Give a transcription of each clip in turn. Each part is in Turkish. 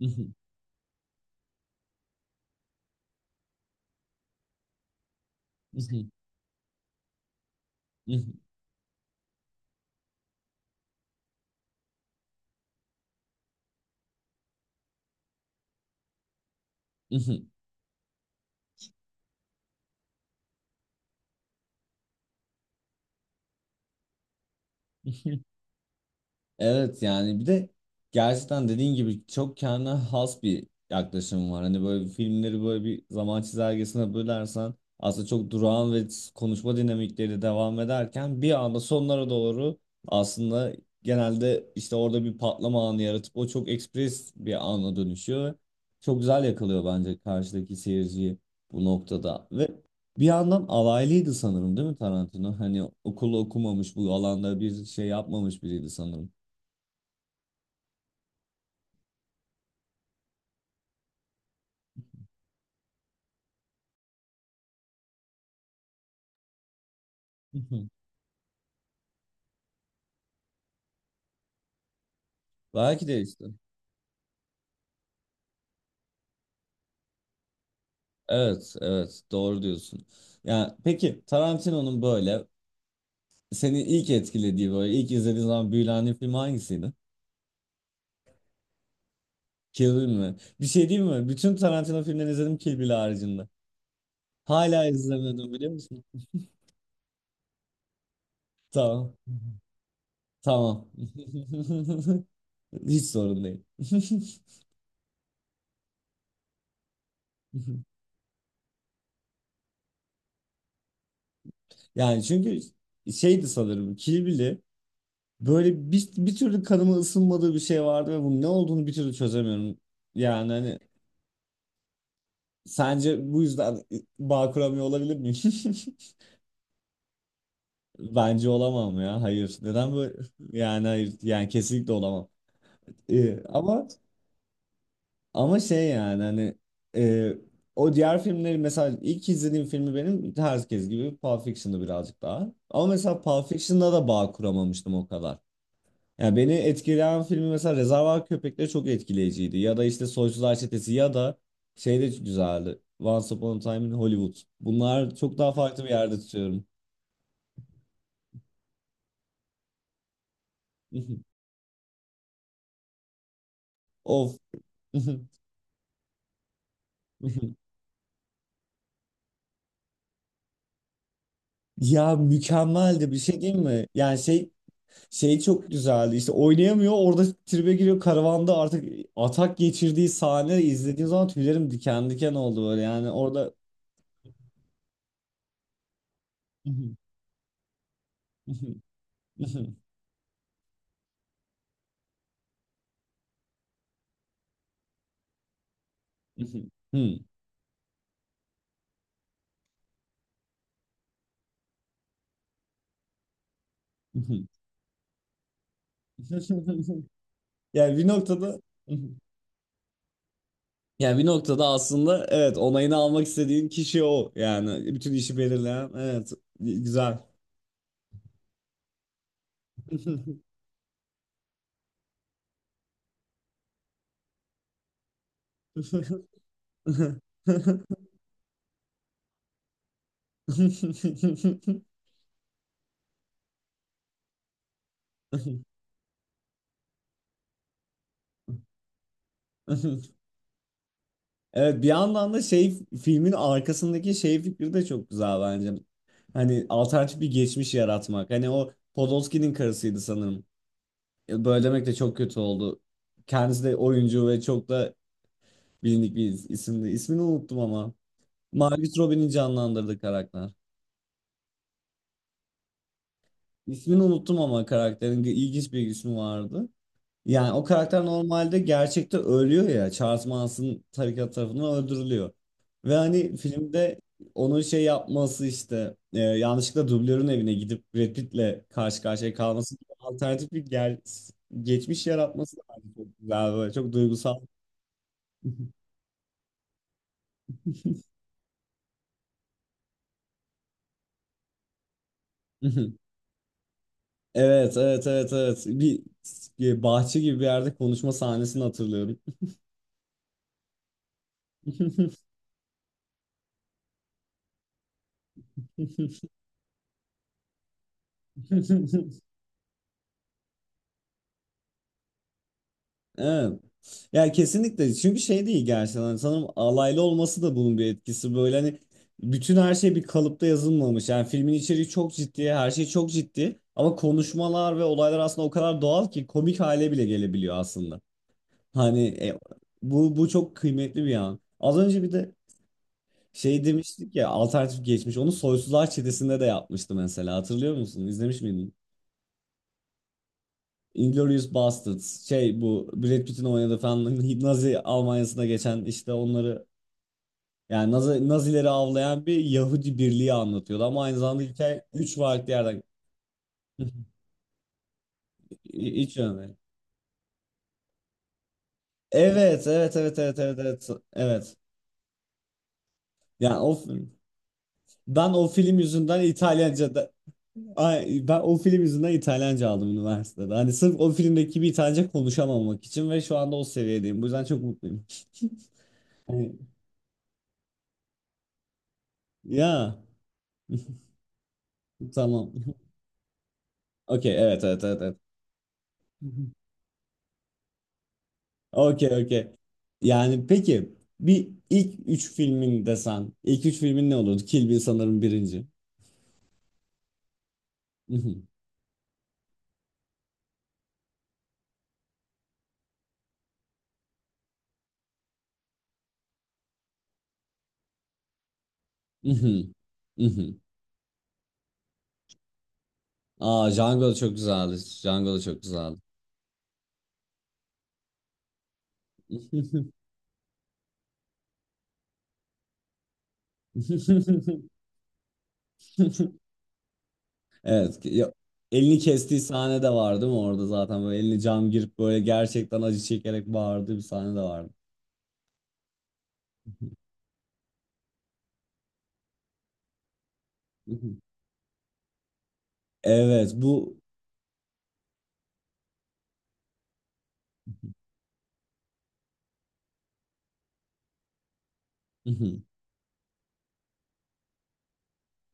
Mhm, mhm, mhm, mhm, mhm. Evet, yani bir de gerçekten dediğin gibi çok kendine has bir yaklaşım var. Hani böyle filmleri böyle bir zaman çizelgesine bölersen aslında çok durağan ve konuşma dinamikleri devam ederken bir anda sonlara doğru aslında genelde işte orada bir patlama anı yaratıp o çok ekspres bir ana dönüşüyor. Ve çok güzel yakalıyor bence karşıdaki seyirciyi bu noktada. Ve bir yandan alaylıydı sanırım, değil mi Tarantino? Hani okulu okumamış, bu alanda bir şey yapmamış biriydi sanırım. Hı hı. Belki de işte. Evet, evet, doğru diyorsun. Ya peki Tarantino'nun böyle seni ilk etkilediği, böyle ilk izlediğin zaman büyülendiğin film hangisiydi? Kill Bill mi? Bir şey diyeyim mi? Bütün Tarantino filmlerini izledim, Kill Bill haricinde. Hala izlemedim, biliyor musun? Tamam. Tamam. Hiç sorun değil. Yani çünkü şeydi sanırım Kill Bill'i, böyle bir türlü kanıma ısınmadığı bir şey vardı ve bunun ne olduğunu bir türlü çözemiyorum. Yani hani. Sence bu yüzden bağ kuramıyor olabilir miyim? Bence olamam ya. Hayır. Neden böyle? Yani hayır. Yani kesinlikle olamam. Ama şey yani hani, e, o diğer filmleri mesela ilk izlediğim filmi benim herkes gibi Pulp Fiction'dı, birazcık daha. Ama mesela Pulp Fiction'da da bağ kuramamıştım o kadar. Ya, beni etkileyen filmi mesela Rezervuar Köpekleri çok etkileyiciydi. Ya da işte Soysular Çetesi, ya da şey de güzeldi. Once Upon a Time in Hollywood. Bunlar çok daha farklı bir yerde tutuyorum. Of. Ya, mükemmeldi bir şey, değil mi? Yani şey çok güzeldi. İşte oynayamıyor orada, tribe giriyor karavanda artık atak geçirdiği sahne, izlediğim zaman tüylerim diken diken oldu, böyle yani orada Yani bir noktada yani bir noktada aslında evet, onayını almak istediğin kişi o. Yani bütün işi belirleyen, evet, güzel. Evet, bir yandan da şey, filmin arkasındaki şey fikri de çok güzel bence. Hani alternatif bir geçmiş yaratmak. Hani o Podolski'nin karısıydı sanırım. Böyle demek de çok kötü oldu. Kendisi de oyuncu ve çok da bilindik bir isimdi. İsmini unuttum ama. Margot Robbie'nin canlandırdığı karakter. İsmini unuttum ama karakterin ilginç bir ismi vardı. Yani o karakter normalde gerçekte ölüyor ya. Charles Manson tarikat tarafından öldürülüyor. Ve hani filmde onun şey yapması işte, yanlışlıkla dublörün evine gidip Brad Pitt'le karşı karşıya kalması gibi alternatif bir geçmiş yaratması da bence çok güzel, böyle çok duygusal. Evet evet evet evet, bir bahçe gibi bir yerde konuşma sahnesini hatırlıyorum. Evet. Ya kesinlikle, çünkü şey değil gerçekten. Hani sanırım alaylı olması da bunun bir etkisi, böyle hani bütün her şey bir kalıpta yazılmamış yani. Filmin içeriği çok ciddi, her şey çok ciddi ama konuşmalar ve olaylar aslında o kadar doğal ki komik hale bile gelebiliyor aslında, hani bu çok kıymetli bir an. Az önce bir de şey demiştik ya, alternatif geçmiş, onu Soysuzlar Çetesi'nde de yapmıştı mesela, hatırlıyor musun? İzlemiş miydin? Inglourious Basterds şey, bu Brad Pitt'in oynadığı falan, Nazi Almanya'sına geçen, işte onları, yani Nazileri avlayan bir Yahudi birliği anlatıyordu, ama aynı zamanda hikaye 3 farklı yerden hiç önemli. Evet, evet, evet, evet, evet, evet, evet. Yani o film- ben o film yüzünden İtalyanca da Ay, ben o film yüzünden İtalyanca aldım üniversitede. Hani sırf o filmdeki bir İtalyanca konuşamamak için, ve şu anda o seviyedeyim. Bu yüzden çok mutluyum. Hani, ya tamam. Okey, evet evet evet evet. Hı hı. Okey, okey. Yani peki bir ilk üç filmin desen, ilk üç filmin ne olurdu? Kill Bill sanırım birinci. Mhm, mhm, mhm. Aa, Django da çok güzeldi. Django da çok güzeldi. Evet. Elini kestiği sahne de vardı mı orada zaten, böyle elini cam girip böyle gerçekten acı çekerek bağırdığı bir sahne de vardı. Evet bu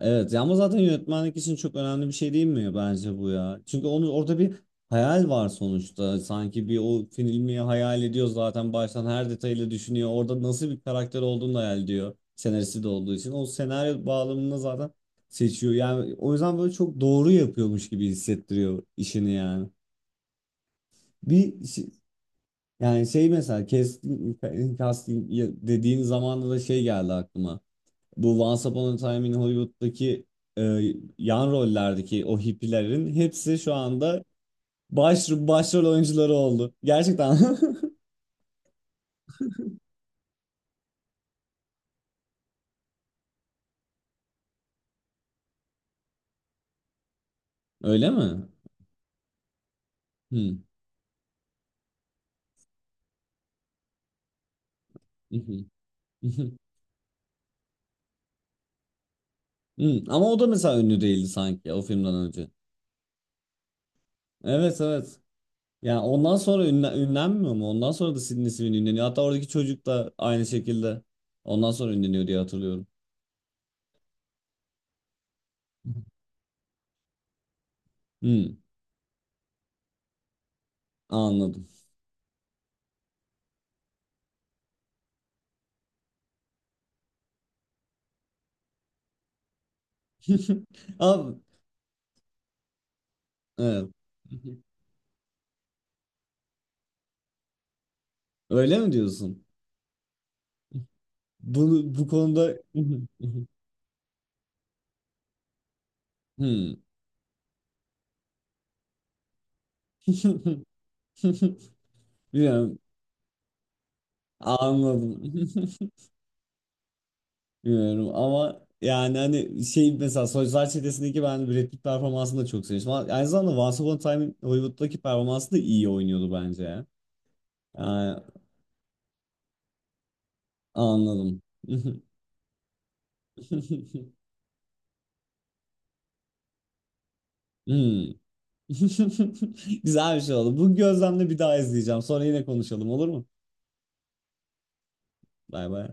Evet, ya ama zaten yönetmenlik için çok önemli bir şey değil mi bence bu ya? Çünkü onu orada bir hayal var sonuçta. Sanki bir o filmi hayal ediyor zaten, baştan her detayıyla düşünüyor. Orada nasıl bir karakter olduğunu da hayal ediyor. Senaristi de olduğu için. O senaryo bağlamında zaten seçiyor. Yani o yüzden böyle çok doğru yapıyormuş gibi hissettiriyor işini yani. Bir şey- Yani şey, mesela casting dediğin zamanda da şey geldi aklıma. Bu Once Upon a Time in Hollywood'daki e, yan rollerdeki o hippilerin hepsi şu anda başrol oyuncuları oldu. Gerçekten. Öyle mi? Hmm. Mhm. Mhm. Hmm. Ama o da mesela ünlü değildi sanki o filmden önce. Evet evet. Yani ondan sonra ünlenmiyor mu? Ondan sonra da Sidney Sweeney ünleniyor. Hatta oradaki çocuk da aynı şekilde ondan sonra ünleniyor diye hatırlıyorum. Hmm, anladım. Abi, evet. Öyle mi diyorsun? Bunu bu konuda Hmm. Bilmiyorum. Anladım. Bilmiyorum ama yani hani şey, mesela Soyuzlar Çetesi'ndeki ben Brad Pitt performansını da çok sevmiştim. Ama aynı zamanda Once Upon a Time in Hollywood'daki performansı da iyi oynuyordu bence ya. Yani, anladım. Hmm. Güzel bir şey oldu. Bu gözlemle bir daha izleyeceğim. Sonra yine konuşalım, olur mu? Bay bay.